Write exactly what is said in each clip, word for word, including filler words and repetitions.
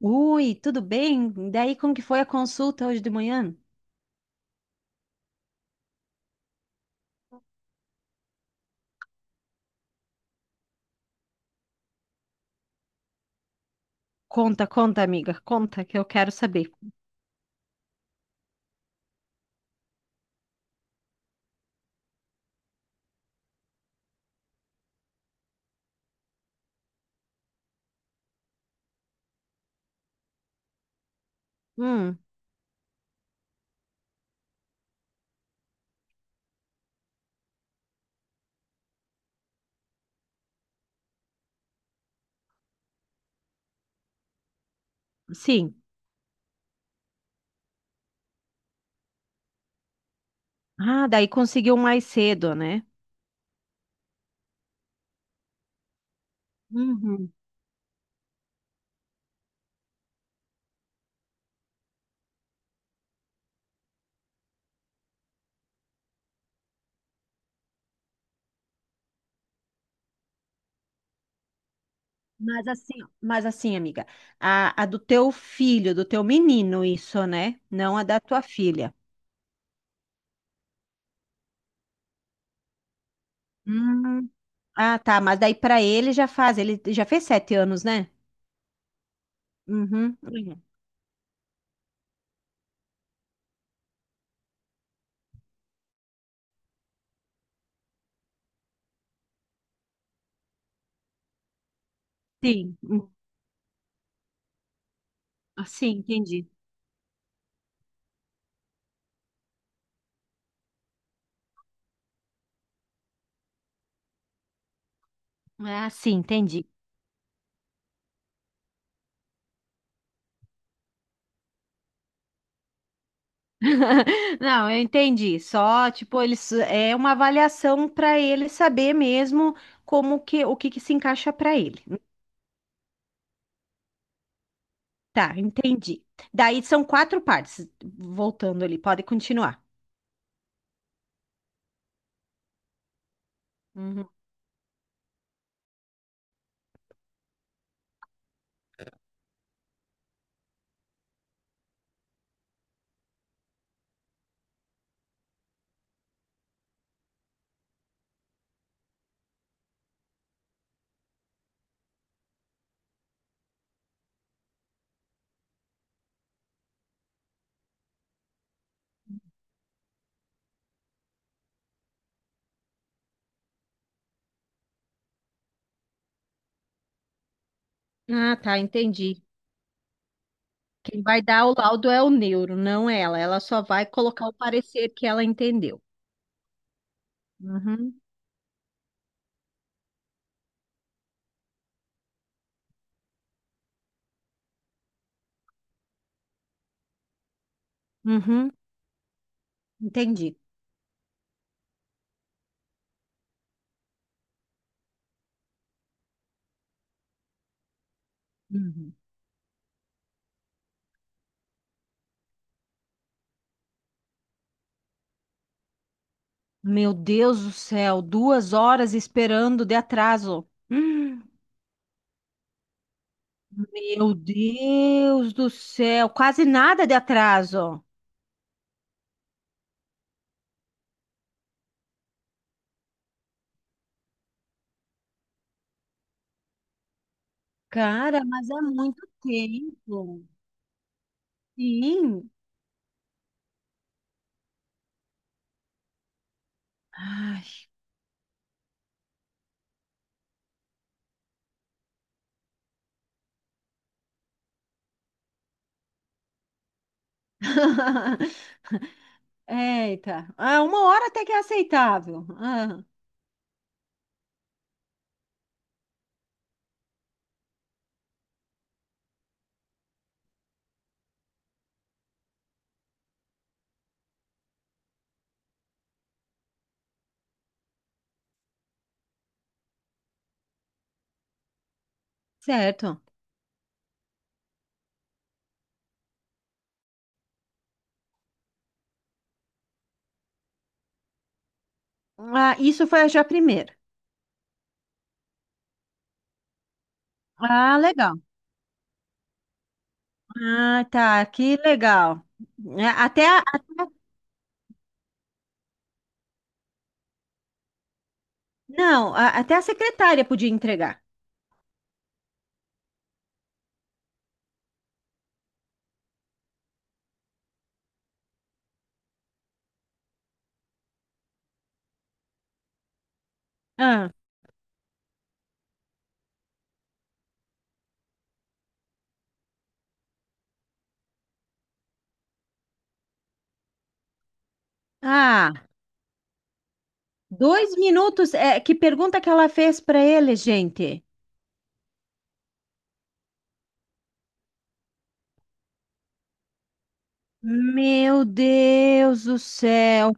Ui, tudo bem? Daí como que foi a consulta hoje de manhã? Conta, conta, amiga, conta que eu quero saber. Hum, sim. Ah, daí conseguiu mais cedo, né? Uhum. Mas assim, mas assim, amiga, a, a do teu filho, do teu menino, isso, né? Não a da tua filha. Hum. Ah, tá, mas daí pra ele já faz, ele já fez sete anos, né? Uhum. Sim, hum, sim, assim, entendi. Ah, sim, entendi. Não, eu entendi. Só, tipo, eles é uma avaliação para ele saber mesmo como que o que que se encaixa para ele. Tá, entendi. Daí são quatro partes. Voltando ali, pode continuar. Uhum. Ah, tá, entendi. Quem vai dar o laudo é o neuro, não ela. Ela só vai colocar o parecer que ela entendeu. Uhum. Uhum. Entendi. Uhum. Meu Deus do céu, duas horas esperando de atraso. Meu Deus do céu, quase nada de atraso. Cara, mas é muito tempo. Sim. Ai. Eita. Ah, uma hora até que é aceitável. Ah, certo. Ah, isso foi já primeiro. Ah, legal. Ah, tá. Que legal. É, Até a, até- não, a- até a secretária podia entregar. Ah, ah, dois minutos. É, que pergunta que ela fez para ele, gente? Meu Deus do céu,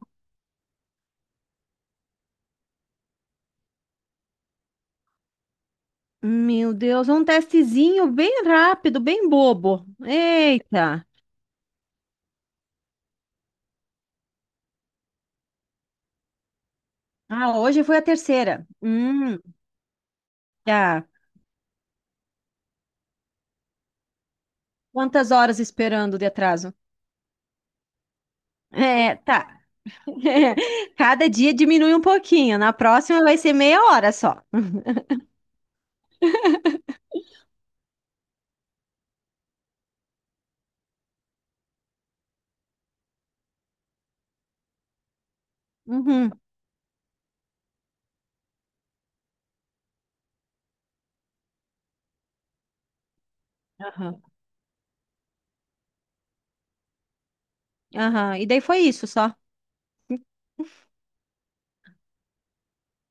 meu Deus, é um testezinho bem rápido, bem bobo. Eita! Ah, hoje foi a terceira. Hum, tá. Quantas horas esperando de atraso? É, tá. Cada dia diminui um pouquinho. Na próxima vai ser meia hora só. Uhum. Aham. Aham. E daí foi isso só.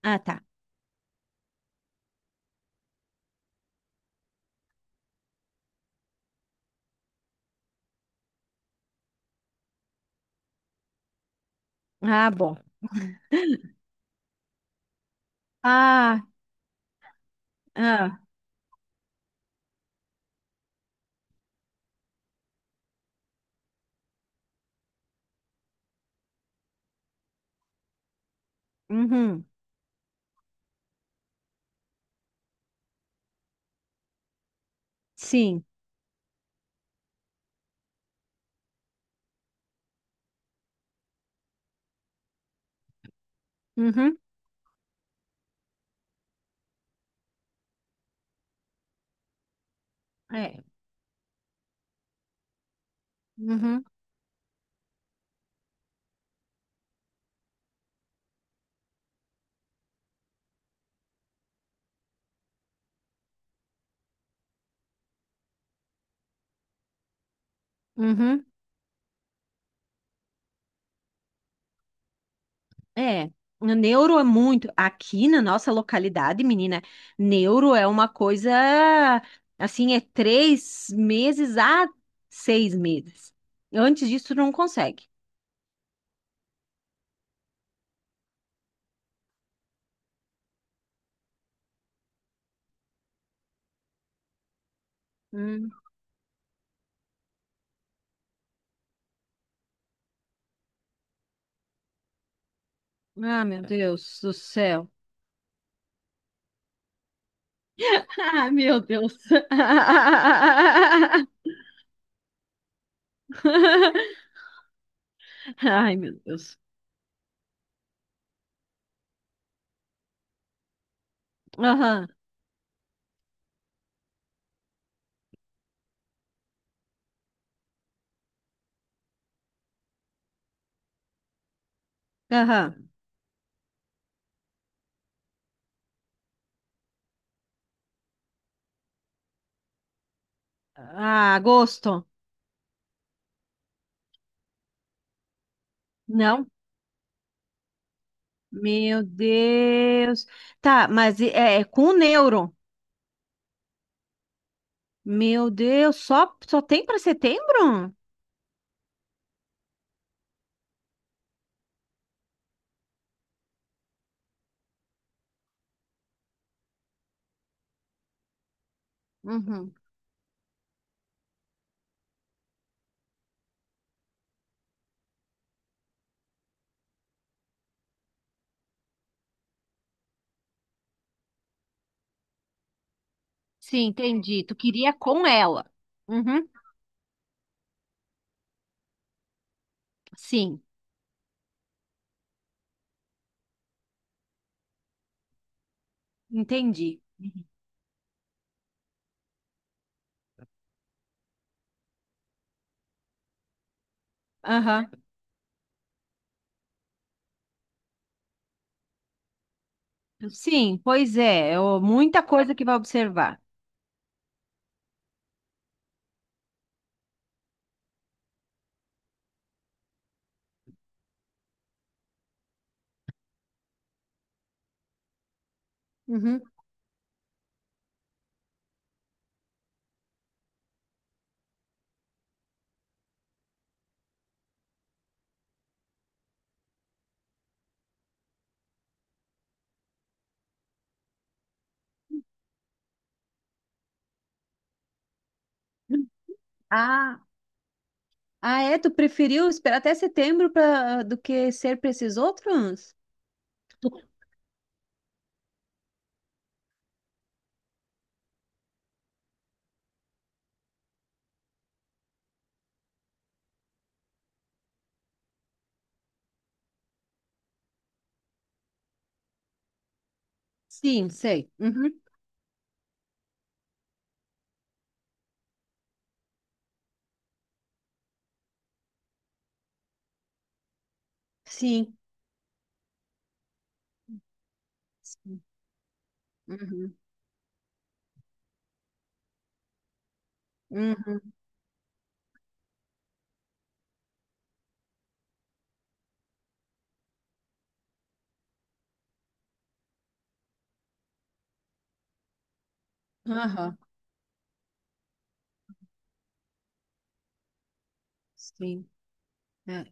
Ah, tá. Ah, bom. Ah, ah. Uhum. Sim. Uhum. É. Uhum. Uhum. É, neuro é muito. Aqui na nossa localidade, menina, neuro é uma coisa assim, é três meses a seis meses. Antes disso, tu não consegue. Hum. Ah, meu Deus do céu. Ah, meu Deus. Ai, meu Deus. Aham, aham. Ah, agosto? Não? Meu Deus. Tá, mas é, é com neuro. Meu Deus, só, só tem para setembro? Uhum. Sim, entendi. Tu queria com ela. Uhum. Sim, entendi. Aham. Sim, pois é, eu- muita coisa que vai observar. Uhum. Ah, ah, é? Tu preferiu esperar até setembro pra, do que ser para esses outros? Sim, sei. Uhum. Sim. Sim. Uhum. Uhum. Aham. Sim. É.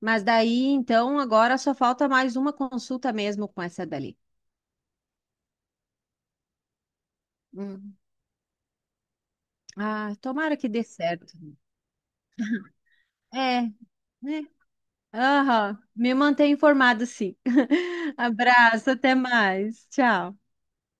Mas daí, então, agora só falta mais uma consulta mesmo com essa dali. Hum. Ah, tomara que dê certo. É, né? Aham, me mantenha informado, sim. Abraço, até mais. Tchau.